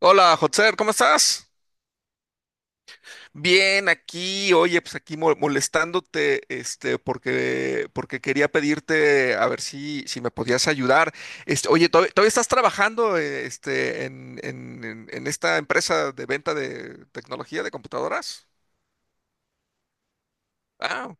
Hola, Hotzer, ¿cómo estás? Bien, aquí, oye, pues aquí molestándote, porque quería pedirte a ver si me podías ayudar. Oye, ¿todavía estás trabajando, en esta empresa de venta de tecnología de computadoras? Ah,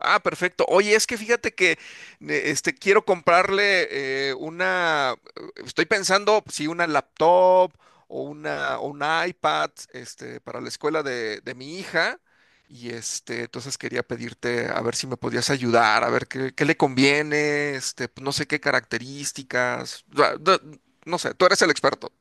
ah, perfecto. Oye, es que fíjate que quiero comprarle una. Estoy pensando si una laptop o una o un iPad para la escuela de mi hija. Y entonces quería pedirte a ver si me podías ayudar, a ver qué le conviene, no sé qué características. No sé, tú eres el experto.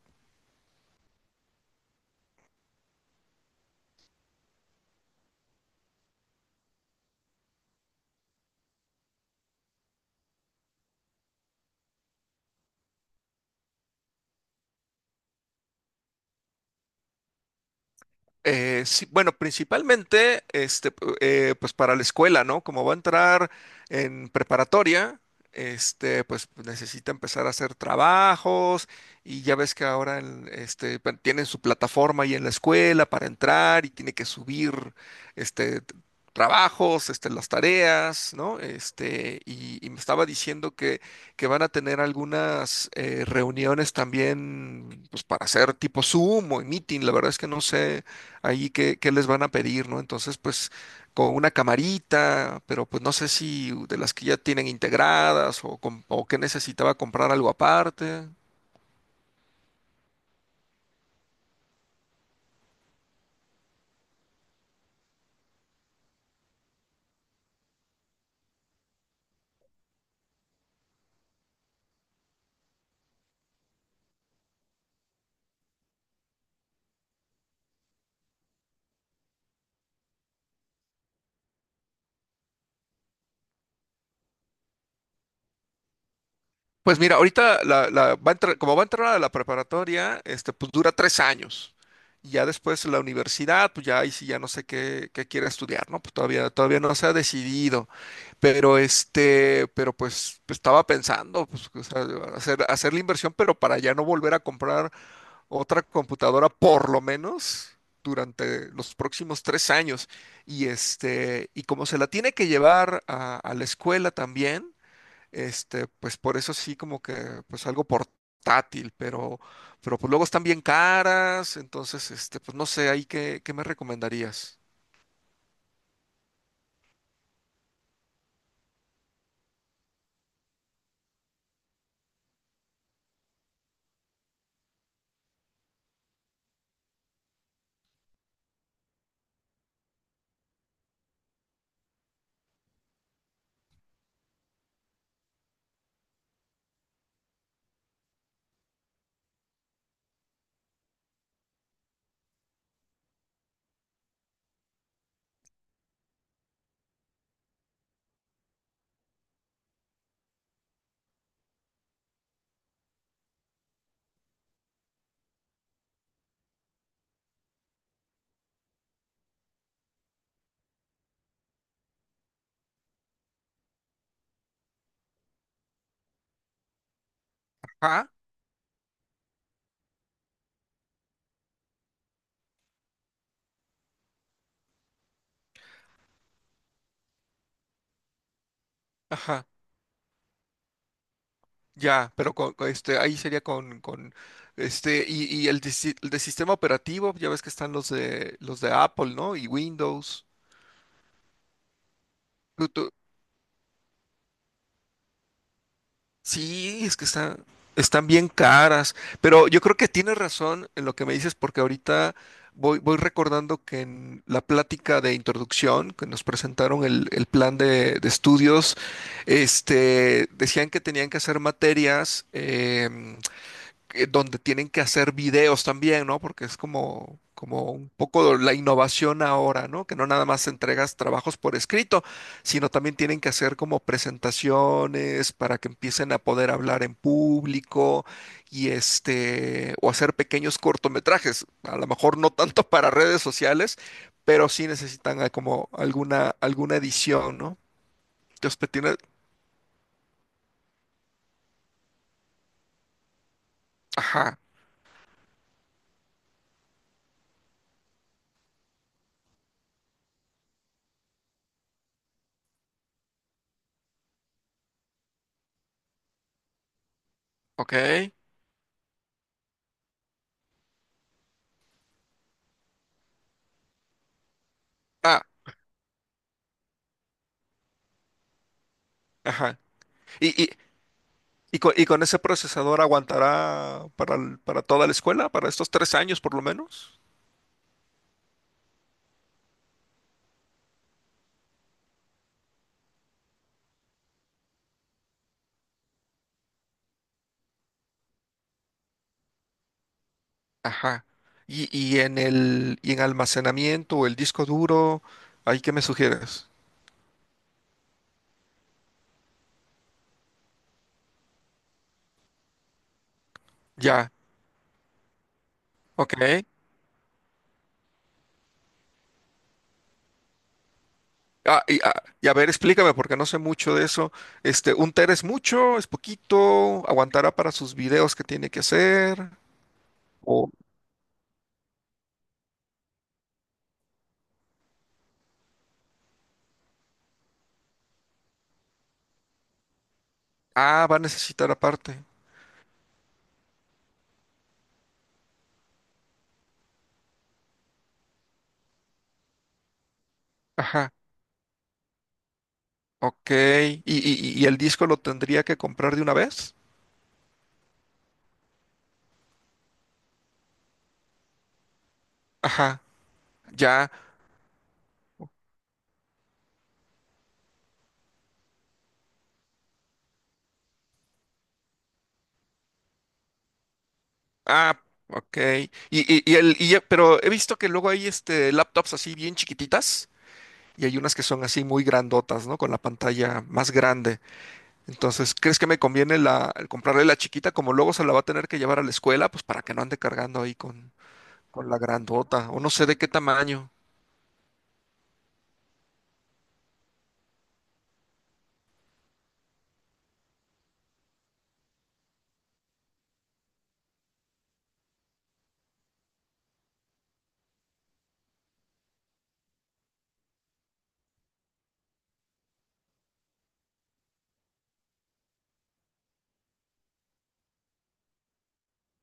Sí, bueno, principalmente, pues para la escuela, ¿no? Como va a entrar en preparatoria, pues necesita empezar a hacer trabajos y ya ves que ahora, tienen su plataforma ahí en la escuela para entrar y tiene que subir, este, t- trabajos, las tareas, ¿no? Y me estaba diciendo que van a tener algunas reuniones también, pues para hacer tipo Zoom o meeting, la verdad es que no sé ahí qué, les van a pedir, ¿no? Entonces, pues con una camarita, pero pues no sé si de las que ya tienen integradas o que necesitaba comprar algo aparte. Pues mira, ahorita como va a entrar a la preparatoria, pues dura 3 años. Y ya después la universidad, pues ya ahí sí ya no sé qué quiere estudiar, ¿no? Pues todavía no se ha decidido. Pero pues, estaba pensando, pues, o sea, hacer la inversión, pero para ya no volver a comprar otra computadora por lo menos durante los próximos 3 años. Y como se la tiene que llevar a la escuela también, pues por eso sí como que pues algo portátil, pero pues luego están bien caras, entonces pues no sé, ahí qué me recomendarías. Ajá, ajá, ya, pero con ahí sería con y el de, si- el de sistema operativo, ya ves que están los de Apple, ¿no? Y Windows. ¿Tú, tú- Sí, es que están bien caras, pero yo creo que tienes razón en lo que me dices porque ahorita voy recordando que en la plática de introducción que nos presentaron el plan de estudios, decían que tenían que hacer materias, donde tienen que hacer videos también, ¿no? Porque es como un poco la innovación ahora, ¿no? Que no nada más entregas trabajos por escrito, sino también tienen que hacer como presentaciones para que empiecen a poder hablar en público y o hacer pequeños cortometrajes, a lo mejor no tanto para redes sociales, pero sí necesitan como alguna edición, ¿no? Entonces, pues, ajá, ok. Ah, ajá. Y, y- ¿y con ese procesador aguantará para toda la escuela, para estos 3 años por lo menos? Ajá. Y en almacenamiento o el disco duro, ¿ahí qué me sugieres? Ya, ok. Ah, y a ver, explícame, porque no sé mucho de eso. ¿Un tera es mucho? ¿Es poquito? ¿Aguantará para sus videos que tiene que hacer? O, Va a necesitar aparte. Ajá, ok. ¿Y el disco lo tendría que comprar de una vez? Ajá, ya. Ah, ok. Pero he visto que luego hay laptops así bien chiquititas y hay unas que son así muy grandotas, ¿no? Con la pantalla más grande. Entonces, ¿crees que me conviene el comprarle la chiquita como luego se la va a tener que llevar a la escuela? Pues para que no ande cargando ahí con la grandota o no sé de qué tamaño.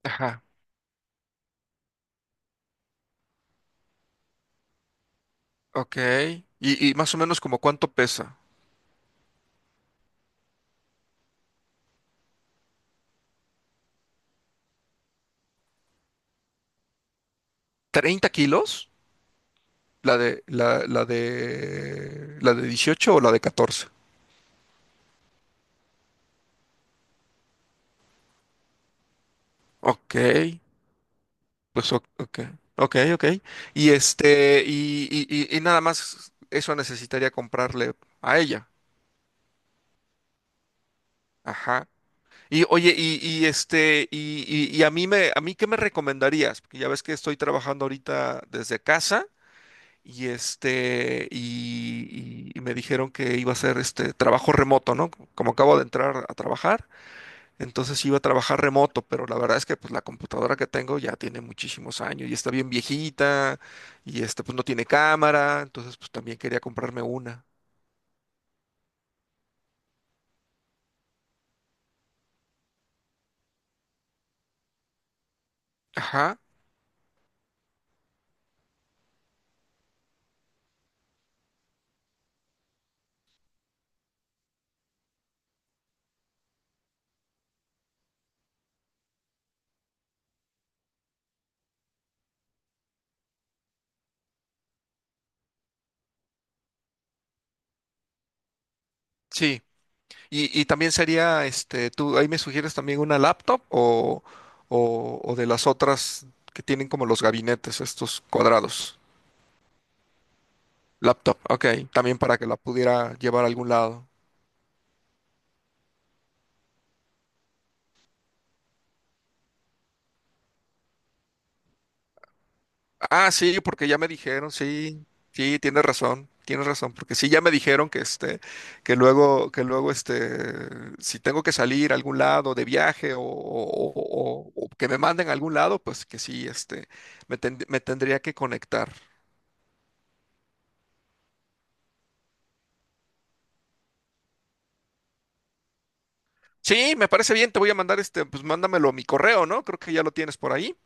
Ajá, ok. Y más o menos como cuánto pesa. ¿30 kilos? ¿La de 18 o la de 14? Ok. Pues ok, ok, ok. Y este, y, y, y nada más eso necesitaría comprarle a ella. Ajá. Y oye, a mí qué me recomendarías? Porque ya ves que estoy trabajando ahorita desde casa, y me dijeron que iba a ser este trabajo remoto, ¿no? Como acabo de entrar a trabajar. Entonces iba a trabajar remoto, pero la verdad es que pues la computadora que tengo ya tiene muchísimos años y está bien viejita y pues no tiene cámara, entonces pues también quería comprarme una. Ajá, sí. Y también sería, tú ahí me sugieres también una laptop o de las otras que tienen como los gabinetes, estos cuadrados. Laptop, ok, también para que la pudiera llevar a algún lado. Ah, sí, porque ya me dijeron, sí, sí, tienes razón, porque sí, ya me dijeron que que luego si tengo que salir a algún lado de viaje o que me manden a algún lado, pues que sí, me tendría que conectar. Sí, me parece bien, te voy a mandar pues mándamelo a mi correo, ¿no? Creo que ya lo tienes por ahí.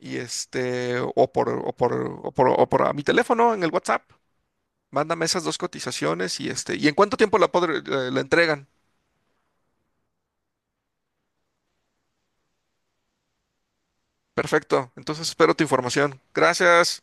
Y este, o por, o por, o por a mi teléfono en el WhatsApp. Mándame esas dos cotizaciones y ¿y en cuánto tiempo la, podré- la la entregan? Perfecto. Entonces espero tu información. Gracias.